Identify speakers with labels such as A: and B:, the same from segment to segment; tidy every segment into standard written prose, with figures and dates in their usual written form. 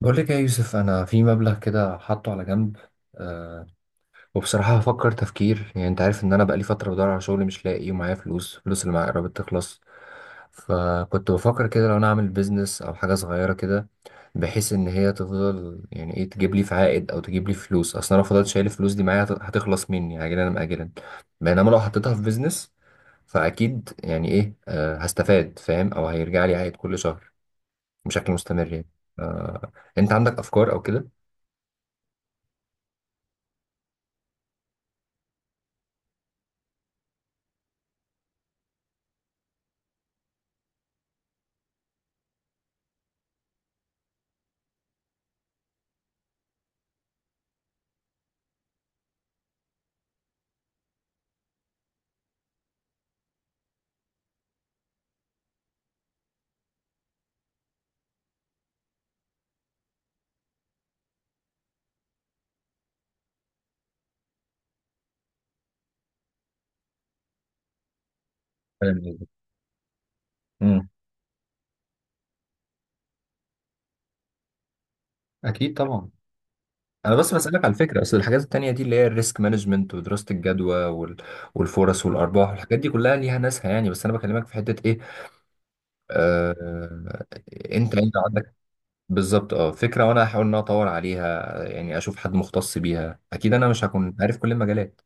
A: بقول لك يا يوسف، انا في مبلغ كده حاطه على جنب. أه. وبصراحه هفكر تفكير، يعني انت عارف ان انا بقالي فتره بدور على شغل مش لاقي، ومعايا فلوس. الفلوس اللي معايا قربت تخلص. فكنت بفكر كده، لو انا اعمل بيزنس او حاجه صغيره كده، بحيث ان هي تفضل يعني ايه تجيب لي في عائد او تجيب لي فلوس. اصل انا لو فضلت شايل الفلوس دي معايا هتخلص مني عاجلا ام اجلا. بينما لو حطيتها في بيزنس فاكيد يعني ايه هستفاد، فاهم، او هيرجع لي عائد كل شهر بشكل مستمر يعني. أه. انت عندك افكار او كده؟ فاهم قصدك. مم. اكيد طبعا. انا بس بسالك على الفكره، اصل الحاجات التانية دي اللي هي الريسك مانجمنت ودراسه الجدوى وال... والفرص والارباح والحاجات دي كلها ليها ناسها، يعني بس انا بكلمك في حته ايه. آه... انت عندك. بالظبط فكره، وانا هحاول ان أنا اطور عليها، يعني اشوف حد مختص بيها. اكيد انا مش هكون عارف كل المجالات.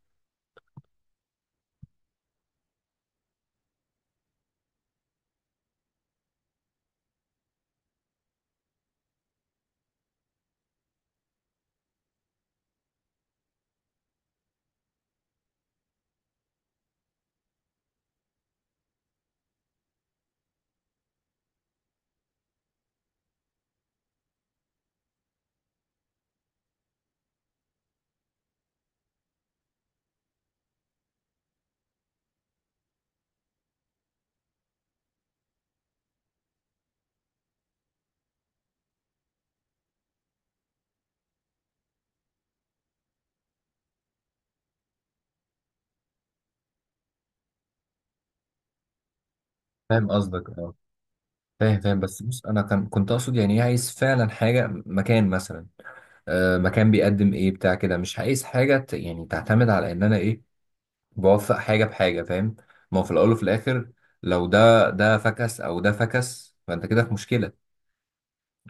A: فاهم قصدك، اه. فاهم فاهم، بس بص، انا كنت اقصد يعني ايه، عايز فعلا حاجه مكان مثلا. آه مكان بيقدم ايه بتاع كده. مش عايز حاجه يعني تعتمد على ان انا ايه، بوفق حاجه بحاجه، فاهم. ما هو في الاول وفي الاخر لو ده فكس او ده فكس، فانت كده في مشكله.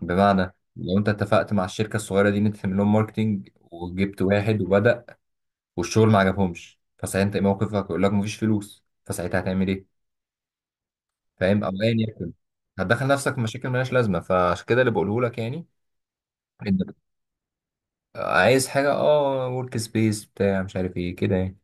A: بمعنى لو انت اتفقت مع الشركه الصغيره دي ان انت تعمل لهم ماركتنج، وجبت واحد وبدا، والشغل ما عجبهمش، فساعتها انت ايه موقفك؟ يقول لك مفيش فلوس، فساعتها هتعمل ايه؟ فاهم، او ايا يكن. هتدخل نفسك في مشاكل مالهاش لازمه، فعشان كده اللي بقوله لك يعني، ان عايز حاجه اه، ورك سبيس بتاع، مش عارف ايه كده يعني.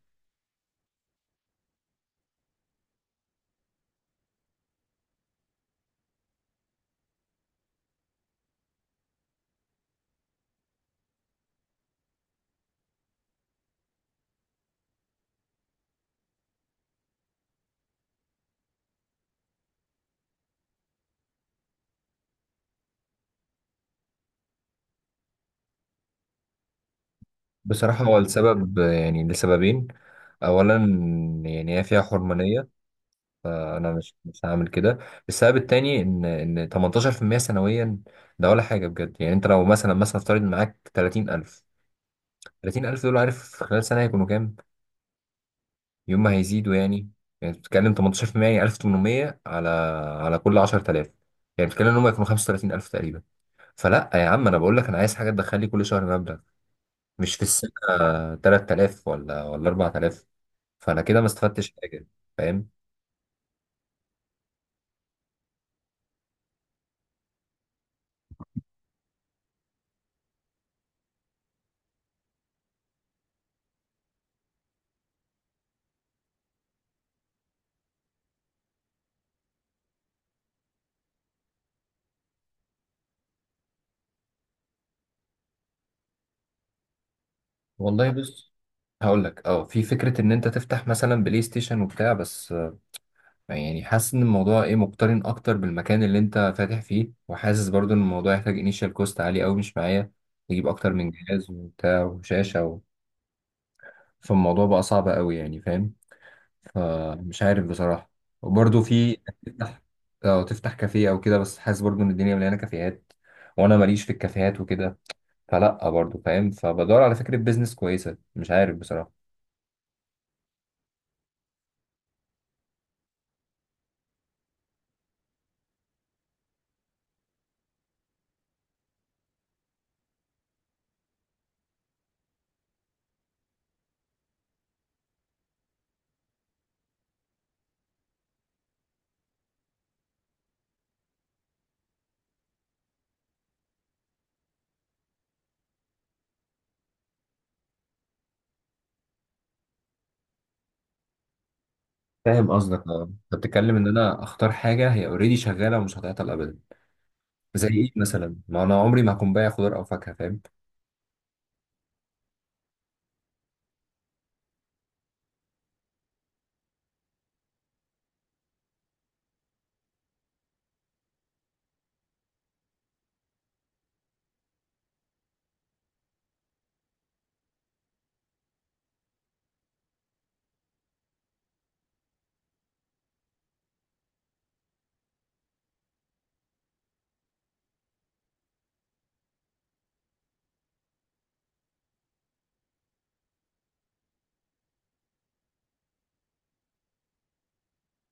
A: بصراحه هو السبب يعني لسببين. اولا، يعني هي فيها حرمانيه، فانا مش هعمل كده. السبب التاني ان 18% سنويا، ده ولا حاجه بجد. يعني انت لو مثلا افترض معاك 30000. 30000 دول عارف في خلال سنه هيكونوا كام؟ يوم ما هيزيدوا يعني. يعني بتتكلم 18%، يعني 1800 على كل 10000. يعني بتتكلم ان هم يكونوا 35000 تقريبا. فلا يا عم، انا بقول لك انا عايز حاجه تدخل لي كل شهر مبلغ، مش في السنه. 3000 ولا 4000، فانا كده ما استفدتش حاجه، فاهم. والله بص، هقول لك اه، في فكره ان انت تفتح مثلا بلاي ستيشن وبتاع، بس يعني حاسس ان الموضوع ايه، مقترن اكتر بالمكان اللي انت فاتح فيه. وحاسس برضو ان الموضوع يحتاج انيشال كوست عالي قوي، مش معايا. تجيب اكتر من جهاز وبتاع وشاشه و... فالموضوع بقى صعب قوي يعني، فاهم. فمش عارف بصراحه. وبرضو في تفتح، اه تفتح كافيه او كده. بس حاسس برضو ان الدنيا مليانه كافيهات، وانا ماليش في الكافيهات وكده، فلا برضو، فاهم. فبدور على فكره بيزنس كويسه، مش عارف بصراحه. فاهم قصدك، اه. انت بتتكلم ان انا اختار حاجه هي اوريدي شغاله ومش هتعطل ابدا. زي ايه مثلا؟ ما انا عمري ما هكون بايع خضار او فاكهه، فاهم.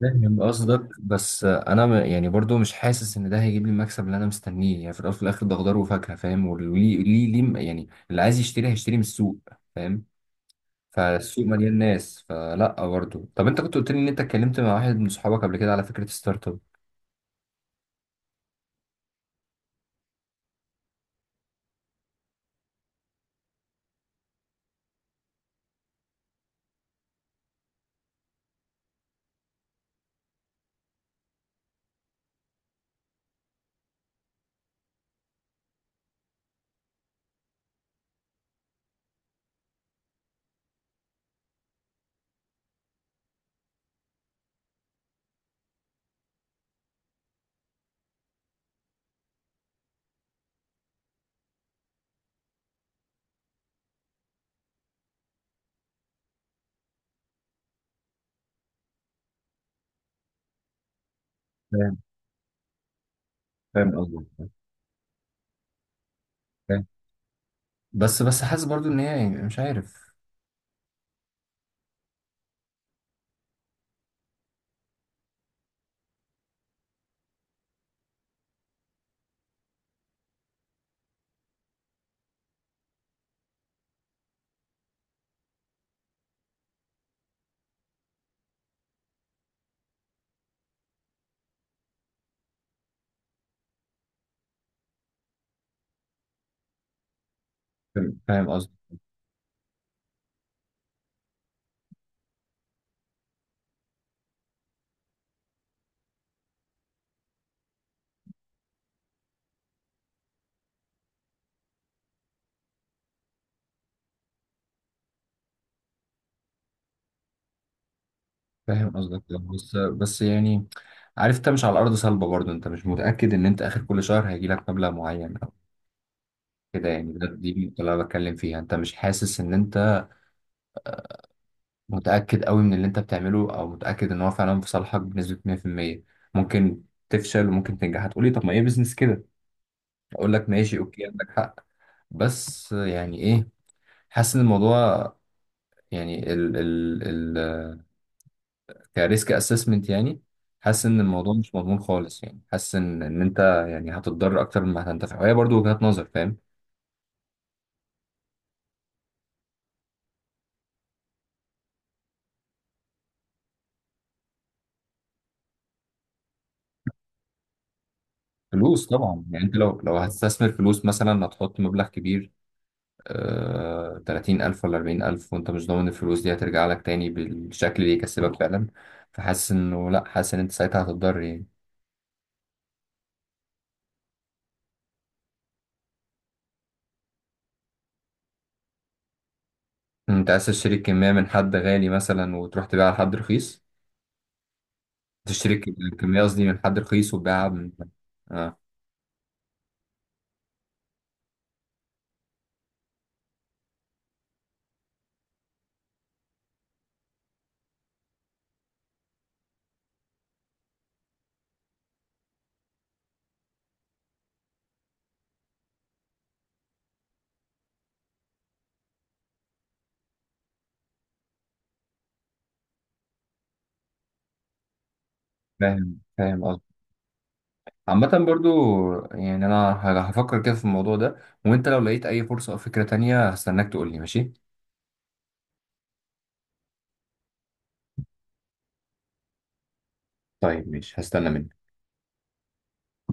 A: فاهم قصدك، بس انا يعني برضو مش حاسس ان ده هيجيب لي المكسب اللي انا مستنيه. يعني في الاول وفي الاخر ده خضار وفاكهه، فاهم. وليه ليه ليه يعني، اللي عايز يشتري هيشتري من السوق، فاهم. فالسوق مليان ناس، فلا برضو. طب انت كنت قلت لي ان انت اتكلمت مع واحد من صحابك قبل كده على فكره ستارت اب. فاهم فاهم قصدك، فاهم. بس بس حاسس برضو ان هي يعني، مش عارف. فاهم فاهم فاهم قصدك ده. بس بس يعني، عارف انت مش على الارض صلبه برضو، انت مش متاكد ان انت اخر كل شهر هيجي لك مبلغ معين او كده يعني. ده دي النقطة اللي انا بتكلم فيها، انت مش حاسس ان انت متاكد قوي من اللي انت بتعمله، او متاكد ان هو فعلا في صالحك بنسبه 100%. ممكن تفشل وممكن تنجح. هتقولي طب ما ايه بيزنس كده؟ اقول لك ماشي اوكي، عندك حق. بس يعني ايه، حاسس ان الموضوع، يعني ال ال ال كريسك اسسمنت يعني، حاسس ان الموضوع مش مضمون خالص يعني. حاسس ان انت يعني هتتضرر اكتر مما هتنتفع، وهي برضو وجهات نظر، فاهم. فلوس طبعا يعني. انت لو هتستثمر فلوس مثلا، هتحط مبلغ كبير، 30000 ولا 40000، وانت مش ضامن الفلوس دي هترجع لك تاني بالشكل اللي يكسبك فعلا. فحاسس انه لا، حاسس ان انت ساعتها هتتضرر يعني. انت عايز تشتري الكمية من حد غالي مثلا وتروح تبيعها لحد رخيص؟ تشتري الكمية قصدي من حد رخيص وتبيعها من، اه. فاهم فاهم. عامة برضو، يعني أنا هفكر كده في الموضوع ده، وأنت لو لقيت أي فرصة أو فكرة تانية هستناك تقولي ماشي؟ طيب ماشي، هستنى منك.